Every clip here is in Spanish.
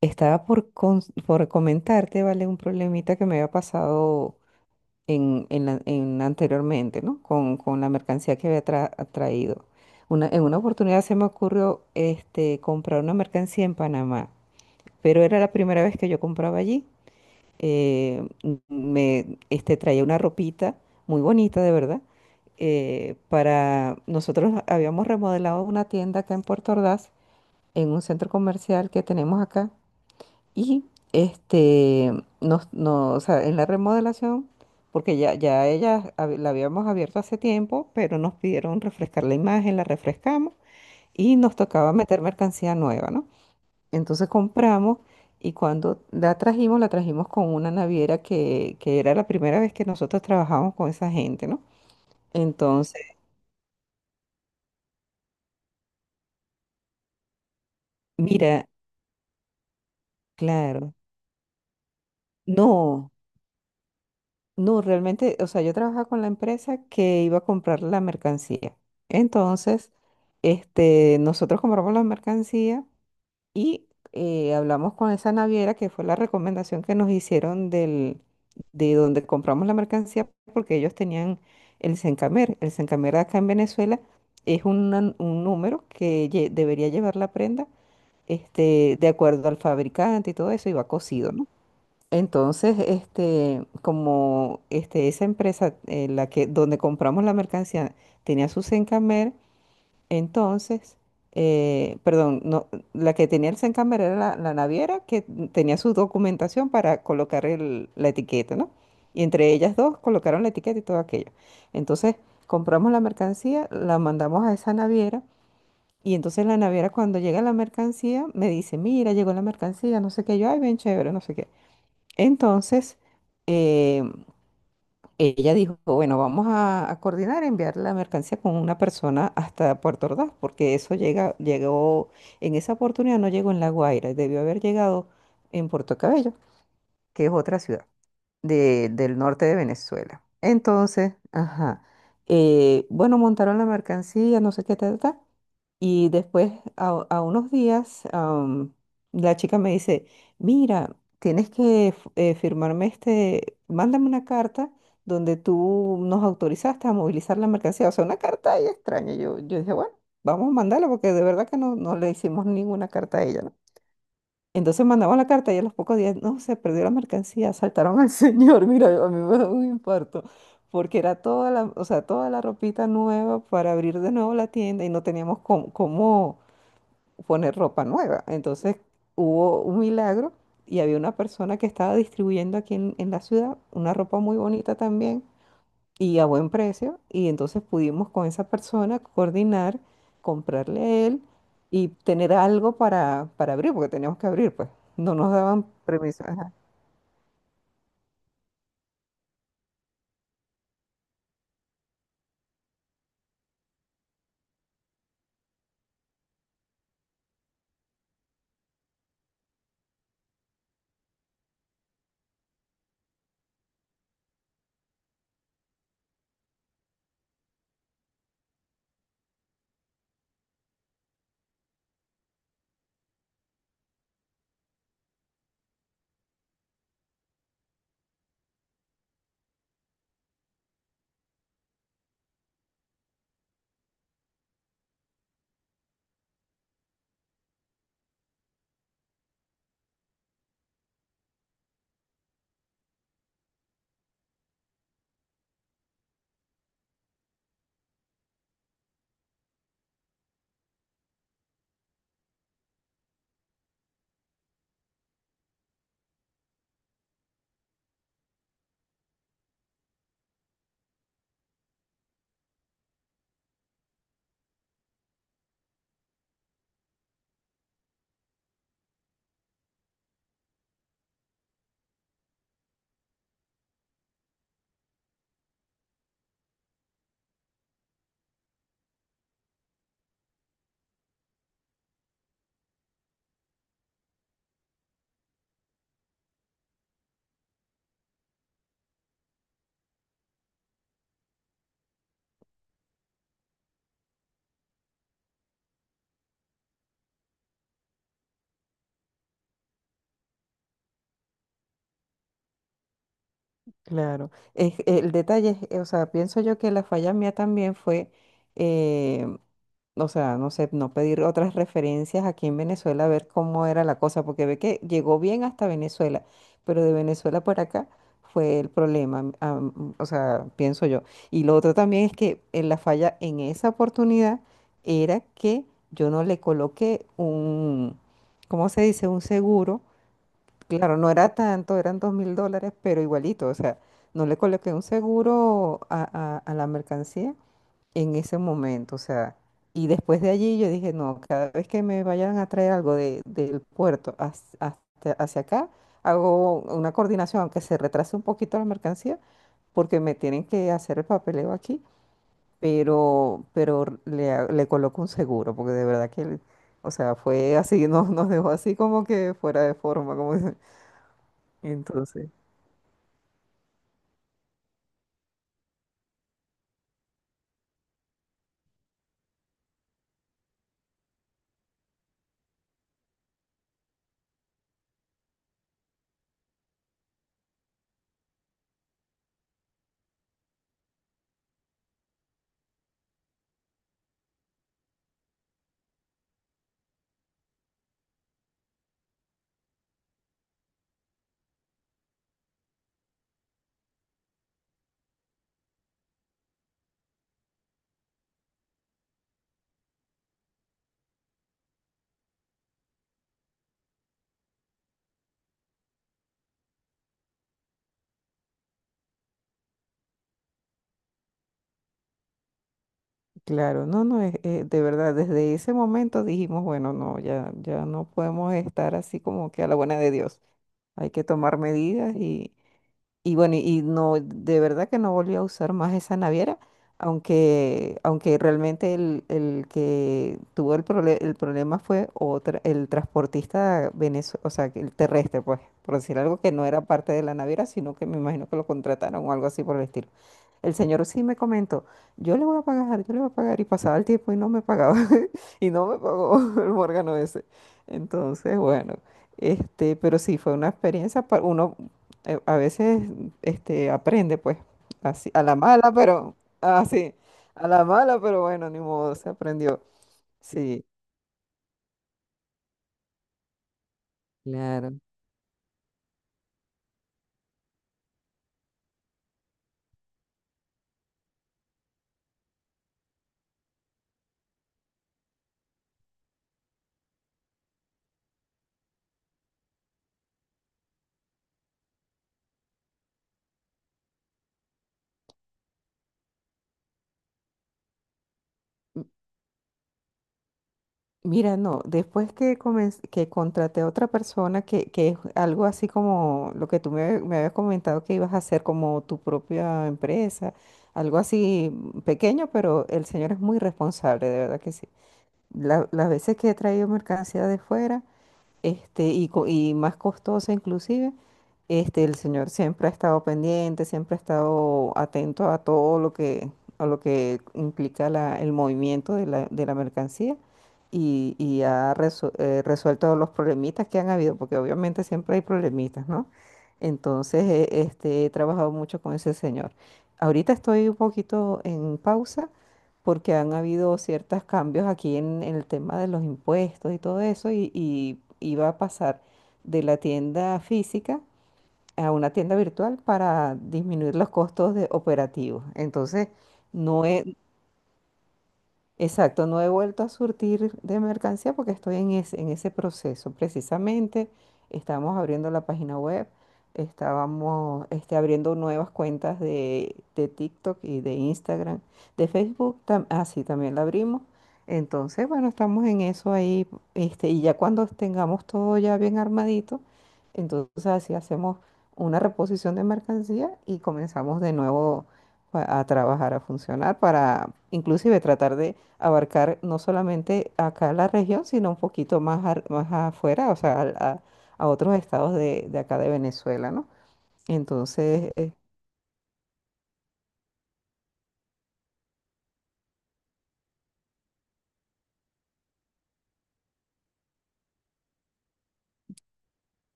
Estaba por, por comentarte, ¿vale? Un problemita que me había pasado en anteriormente, ¿no? Con la mercancía que había traído. En una oportunidad se me ocurrió comprar una mercancía en Panamá, pero era la primera vez que yo compraba allí. Traía una ropita muy bonita, de verdad. Para nosotros habíamos remodelado una tienda acá en Puerto Ordaz, en un centro comercial que tenemos acá y este, no, o sea, en la remodelación, porque ya la habíamos abierto hace tiempo, pero nos pidieron refrescar la imagen, la refrescamos y nos tocaba meter mercancía nueva, ¿no? Entonces compramos y cuando la trajimos con una naviera que era la primera vez que nosotros trabajamos con esa gente, ¿no? Entonces, mira, claro, no. No, realmente, o sea, yo trabajaba con la empresa que iba a comprar la mercancía. Entonces, nosotros compramos la mercancía y hablamos con esa naviera que fue la recomendación que nos hicieron de donde compramos la mercancía porque ellos tenían el Sencamer. El Sencamer acá en Venezuela un número debería llevar la prenda, de acuerdo al fabricante y todo eso, y va cosido, ¿no? Entonces, esa empresa donde compramos la mercancía tenía su Sencamer. Entonces, perdón, no, la que tenía el Sencamer era la naviera que tenía su documentación para colocar la etiqueta, ¿no? Y entre ellas dos colocaron la etiqueta y todo aquello. Entonces, compramos la mercancía, la mandamos a esa naviera. Y entonces la naviera cuando llega la mercancía me dice, mira, llegó la mercancía, no sé qué, yo, ay, bien chévere, no sé qué. Entonces, eh, ella dijo, bueno, vamos a coordinar enviar la mercancía con una persona hasta Puerto Ordaz, porque llegó, en esa oportunidad no llegó en La Guaira, debió haber llegado en Puerto Cabello, que es otra ciudad del norte de Venezuela. Entonces, ajá, bueno, montaron la mercancía, no sé qué tal, y después, a unos días, la chica me dice, mira, tienes que firmarme mándame una carta donde tú nos autorizaste a movilizar la mercancía. O sea, una carta ahí extraña. Yo dije, bueno, vamos a mandarla porque de verdad que no, no le hicimos ninguna carta a ella, ¿no? Entonces mandamos la carta y a los pocos días, no, se perdió la mercancía, asaltaron al señor. Mira, a mí me da un infarto porque era toda la, o sea, toda la ropita nueva para abrir de nuevo la tienda y no teníamos cómo, cómo poner ropa nueva. Entonces hubo un milagro y había una persona que estaba distribuyendo aquí en la ciudad una ropa muy bonita también y a buen precio. Y entonces pudimos con esa persona coordinar, comprarle a él y tener algo para abrir, porque teníamos que abrir, pues no nos daban permiso. Ajá, claro. Es, el detalle es, o sea, pienso yo que la falla mía también fue eh, o sea, no sé, no pedir otras referencias aquí en Venezuela, a ver cómo era la cosa, porque ve que llegó bien hasta Venezuela, pero de Venezuela para acá fue el problema, o sea, pienso yo. Y lo otro también es que la falla en esa oportunidad era que yo no le coloqué un, ¿cómo se dice? Un seguro. Claro, no era tanto, eran $2.000, pero igualito, o sea, no le coloqué un seguro a la mercancía en ese momento, o sea, y después de allí yo dije, no, cada vez que me vayan a traer algo del puerto hacia, hacia acá, hago una coordinación, aunque se retrase un poquito la mercancía, porque me tienen que hacer el papeleo aquí, pero, le coloco un seguro, porque de verdad que, o sea, fue así, nos dejó así como que fuera de forma, como dicen. Entonces. Claro, no, no, es de verdad, desde ese momento dijimos, bueno, no, ya no podemos estar así como que a la buena de Dios. Hay que tomar medidas y bueno, y no, de verdad que no volví a usar más esa naviera, aunque realmente el que tuvo el, el problema fue otra, el transportista venezolano, o sea, que el terrestre, pues, por decir algo que no era parte de la naviera, sino que me imagino que lo contrataron o algo así por el estilo. El señor sí me comentó, yo le voy a pagar, yo le voy a pagar, y pasaba el tiempo y no me pagaba, y no me pagó el Morgano ese. Entonces, bueno, pero sí fue una experiencia, uno a veces aprende, pues, así, a la mala, pero, así, a la mala, pero bueno, ni modo, se aprendió. Sí, claro. Mira, no, después que, que contraté a otra persona, que es algo así como lo que me habías comentado que ibas a hacer como tu propia empresa, algo así pequeño, pero el señor es muy responsable, de verdad que sí. Las veces que he traído mercancía de fuera, y más costosa inclusive, el Señor siempre ha estado pendiente, siempre ha estado atento a todo lo que, a lo que implica el movimiento de de la mercancía y ha resuelto los problemitas que han habido, porque obviamente siempre hay problemitas, ¿no? Entonces, he trabajado mucho con ese Señor. Ahorita estoy un poquito en pausa porque han habido ciertos cambios aquí en el tema de los impuestos y todo eso y iba a pasar de la tienda física a una tienda virtual para disminuir los costos de operativos. Entonces, no es, exacto, no he vuelto a surtir de mercancía porque estoy en ese proceso. Precisamente estábamos abriendo la página web, estábamos abriendo nuevas cuentas de TikTok y de Instagram, de Facebook, sí, también la abrimos. Entonces, bueno, estamos en eso ahí, y ya cuando tengamos todo ya bien armadito, entonces así hacemos una reposición de mercancía y comenzamos de nuevo a trabajar, a funcionar para inclusive tratar de abarcar no solamente acá la región, sino un poquito más, más afuera, o sea, a otros estados de acá de Venezuela, ¿no? Entonces,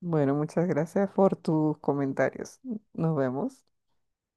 bueno, muchas gracias por tus comentarios. Nos vemos.